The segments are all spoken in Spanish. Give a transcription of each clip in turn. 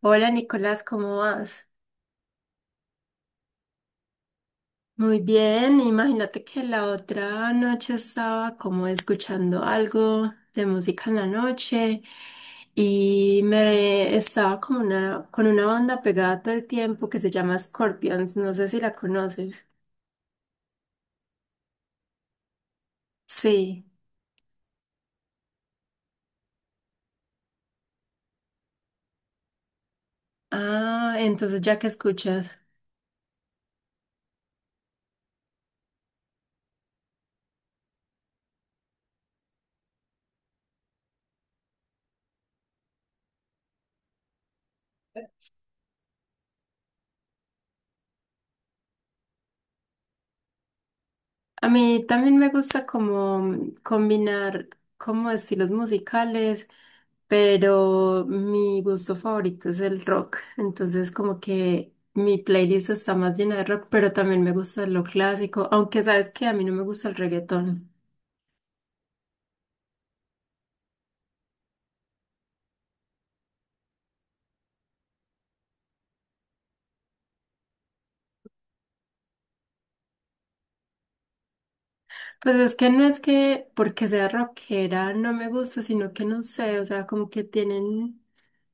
Hola Nicolás, ¿cómo vas? Muy bien, imagínate que la otra noche estaba como escuchando algo de música en la noche y me estaba con una banda pegada todo el tiempo que se llama Scorpions, no sé si la conoces. Sí, ah, entonces ya que escuchas. A mí también me gusta como combinar como estilos musicales, pero mi gusto favorito es el rock. Entonces como que mi playlist está más llena de rock, pero también me gusta lo clásico, aunque sabes que a mí no me gusta el reggaetón. Pues es que no es que porque sea rockera no me gusta, sino que no sé, o sea, como que tienen,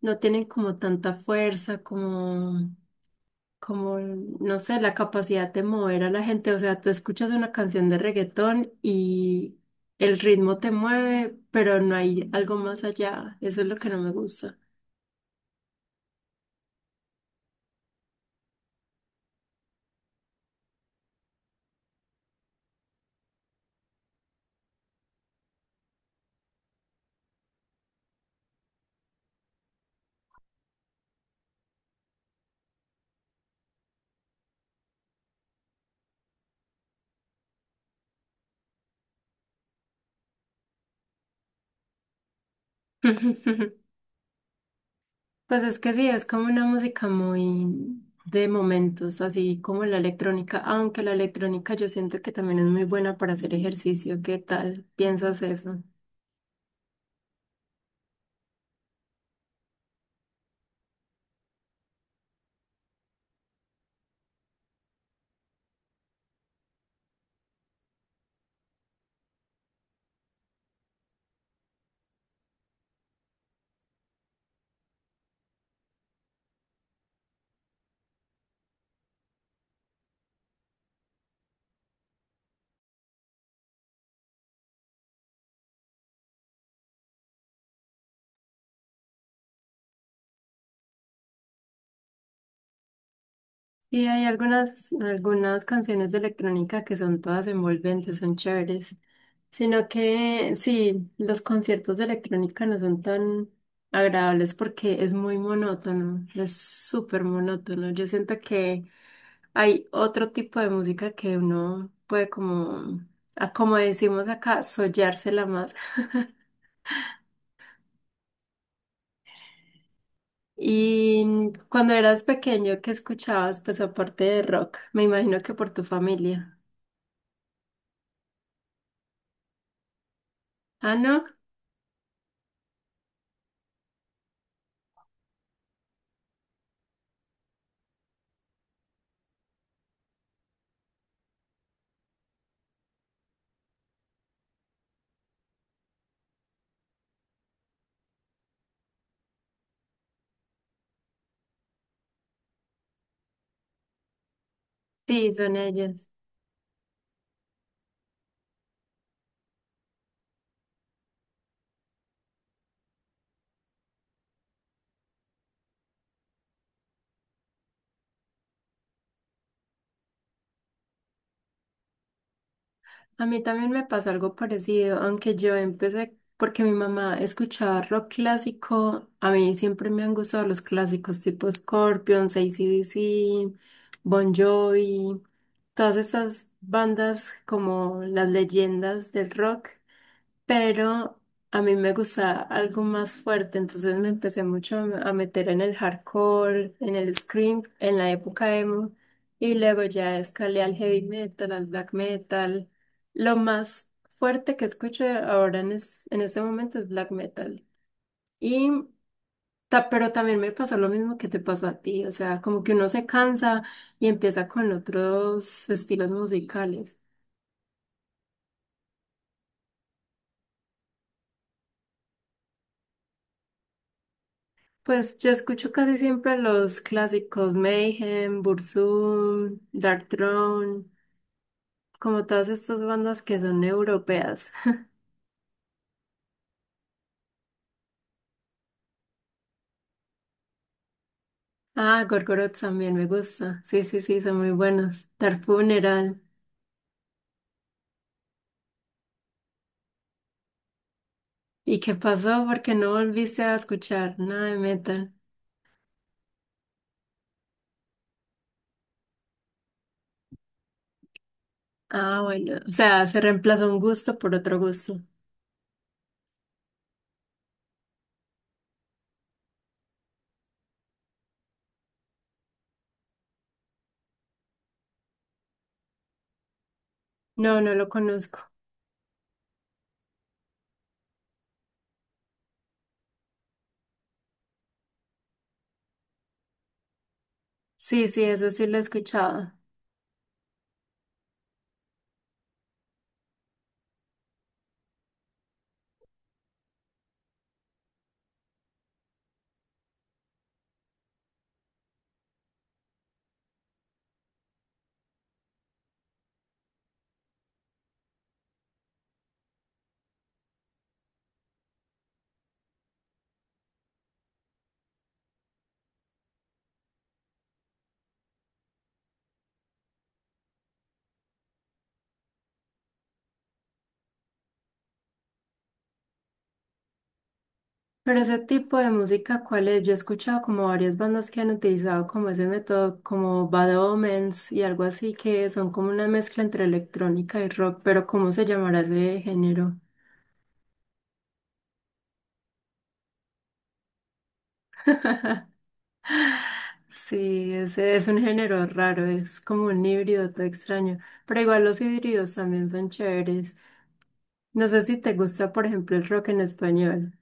no tienen como tanta fuerza, como no sé, la capacidad de mover a la gente. O sea, tú escuchas una canción de reggaetón y el ritmo te mueve, pero no hay algo más allá. Eso es lo que no me gusta. Pues es que sí, es como una música muy de momentos, así como la electrónica, aunque la electrónica yo siento que también es muy buena para hacer ejercicio. ¿Qué tal? ¿Piensas eso? Y hay algunas canciones de electrónica que son todas envolventes, son chéveres. Sino que sí, los conciertos de electrónica no son tan agradables porque es muy monótono, es súper monótono. Yo siento que hay otro tipo de música que uno puede como, como decimos acá, sollársela más. Y cuando eras pequeño, ¿qué escuchabas? Pues aparte de rock, me imagino que por tu familia. Ah, ¿no? Sí, son ellas. A mí también me pasó algo parecido, aunque yo empecé porque mi mamá escuchaba rock clásico. A mí siempre me han gustado los clásicos tipo Scorpions, AC/DC, Bon Jovi, todas esas bandas como las leyendas del rock, pero a mí me gusta algo más fuerte, entonces me empecé mucho a meter en el hardcore, en el scream, en la época emo, y luego ya escalé al heavy metal, al black metal. Lo más fuerte que escucho ahora en este momento es black metal. Y, pero también me pasó lo mismo que te pasó a ti, o sea, como que uno se cansa y empieza con otros estilos musicales. Pues yo escucho casi siempre los clásicos Mayhem, Burzum, Dark Throne, como todas estas bandas que son europeas. Ah, Gorgoroth también me gusta. Sí, sí, sí, son muy buenos. Dark Funeral. ¿Y qué pasó? ¿Porque no volviste a escuchar nada de metal? Ah, bueno. O sea, se reemplazó un gusto por otro gusto. No, no lo conozco. Sí, sí, eso sí lo he escuchado. Pero ese tipo de música, ¿cuál es? Yo he escuchado como varias bandas que han utilizado como ese método, como Bad Omens y algo así, que son como una mezcla entre electrónica y rock, pero ¿cómo se llamará ese género? Sí, ese es un género raro, es como un híbrido todo extraño, pero igual los híbridos también son chéveres. No sé si te gusta, por ejemplo, el rock en español.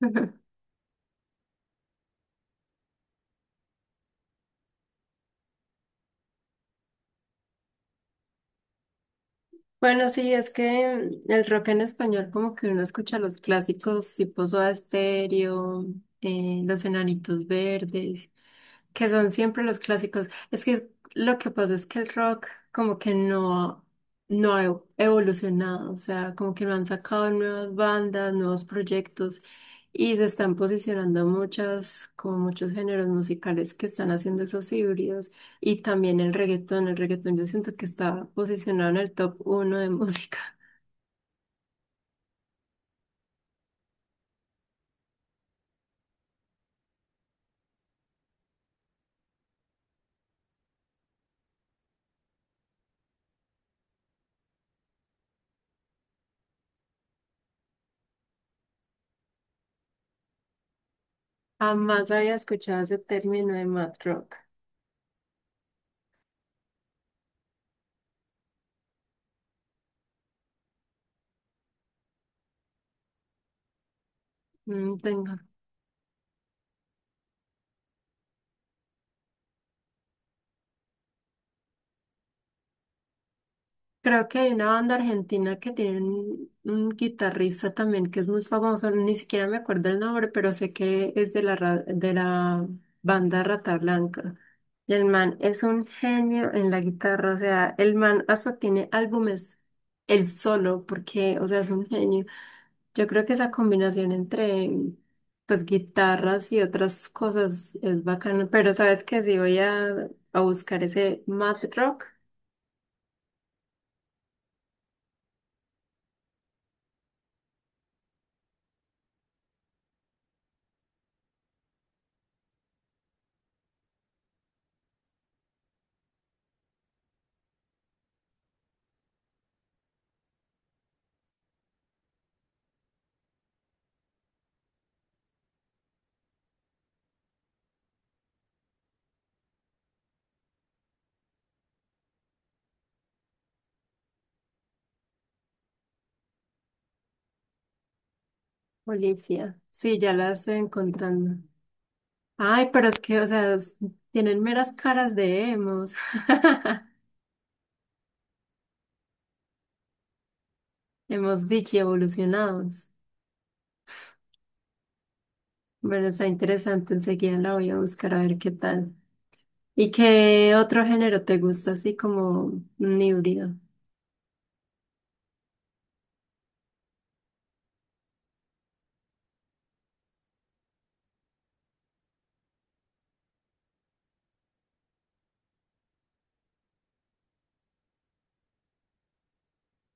Bueno, sí, es que mm, el rock en español, como que uno escucha los clásicos tipo Soda Stereo, Los Enanitos Verdes que son siempre los clásicos. Es que lo que pasa es que el rock como que no, evolucionado, o sea, como que no han sacado nuevas bandas, nuevos proyectos y se están posicionando muchas, como muchos géneros musicales que están haciendo esos híbridos y también el reggaetón. El reggaetón yo siento que está posicionado en el top uno de música. Jamás había escuchado ese término de mad rock. Mm, tengo. Creo que hay una banda argentina que tiene un guitarrista también que es muy famoso, ni siquiera me acuerdo el nombre, pero sé que es de la banda Rata Blanca. Y el man es un genio en la guitarra, o sea, el man hasta tiene álbumes él solo, porque, o sea, es un genio. Yo creo que esa combinación entre, pues, guitarras y otras cosas es bacana, pero sabes que si voy a buscar ese Mad Rock. Olivia. Sí, ya la estoy encontrando. Ay, pero es que, o sea, tienen meras caras de emos. Hemos dicho evolucionados. Bueno, está interesante. Enseguida la voy a buscar a ver qué tal. ¿Y qué otro género te gusta, así como un híbrido?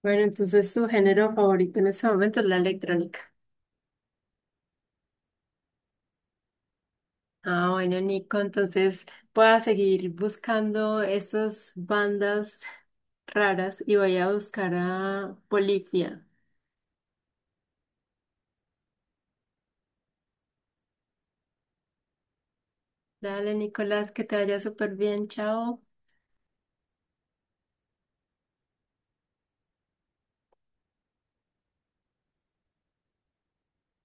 Bueno, entonces su género favorito en este momento es la electrónica. Ah, bueno, Nico, entonces voy a seguir buscando esas bandas raras y voy a buscar a Polifia. Dale, Nicolás, que te vaya súper bien. Chao.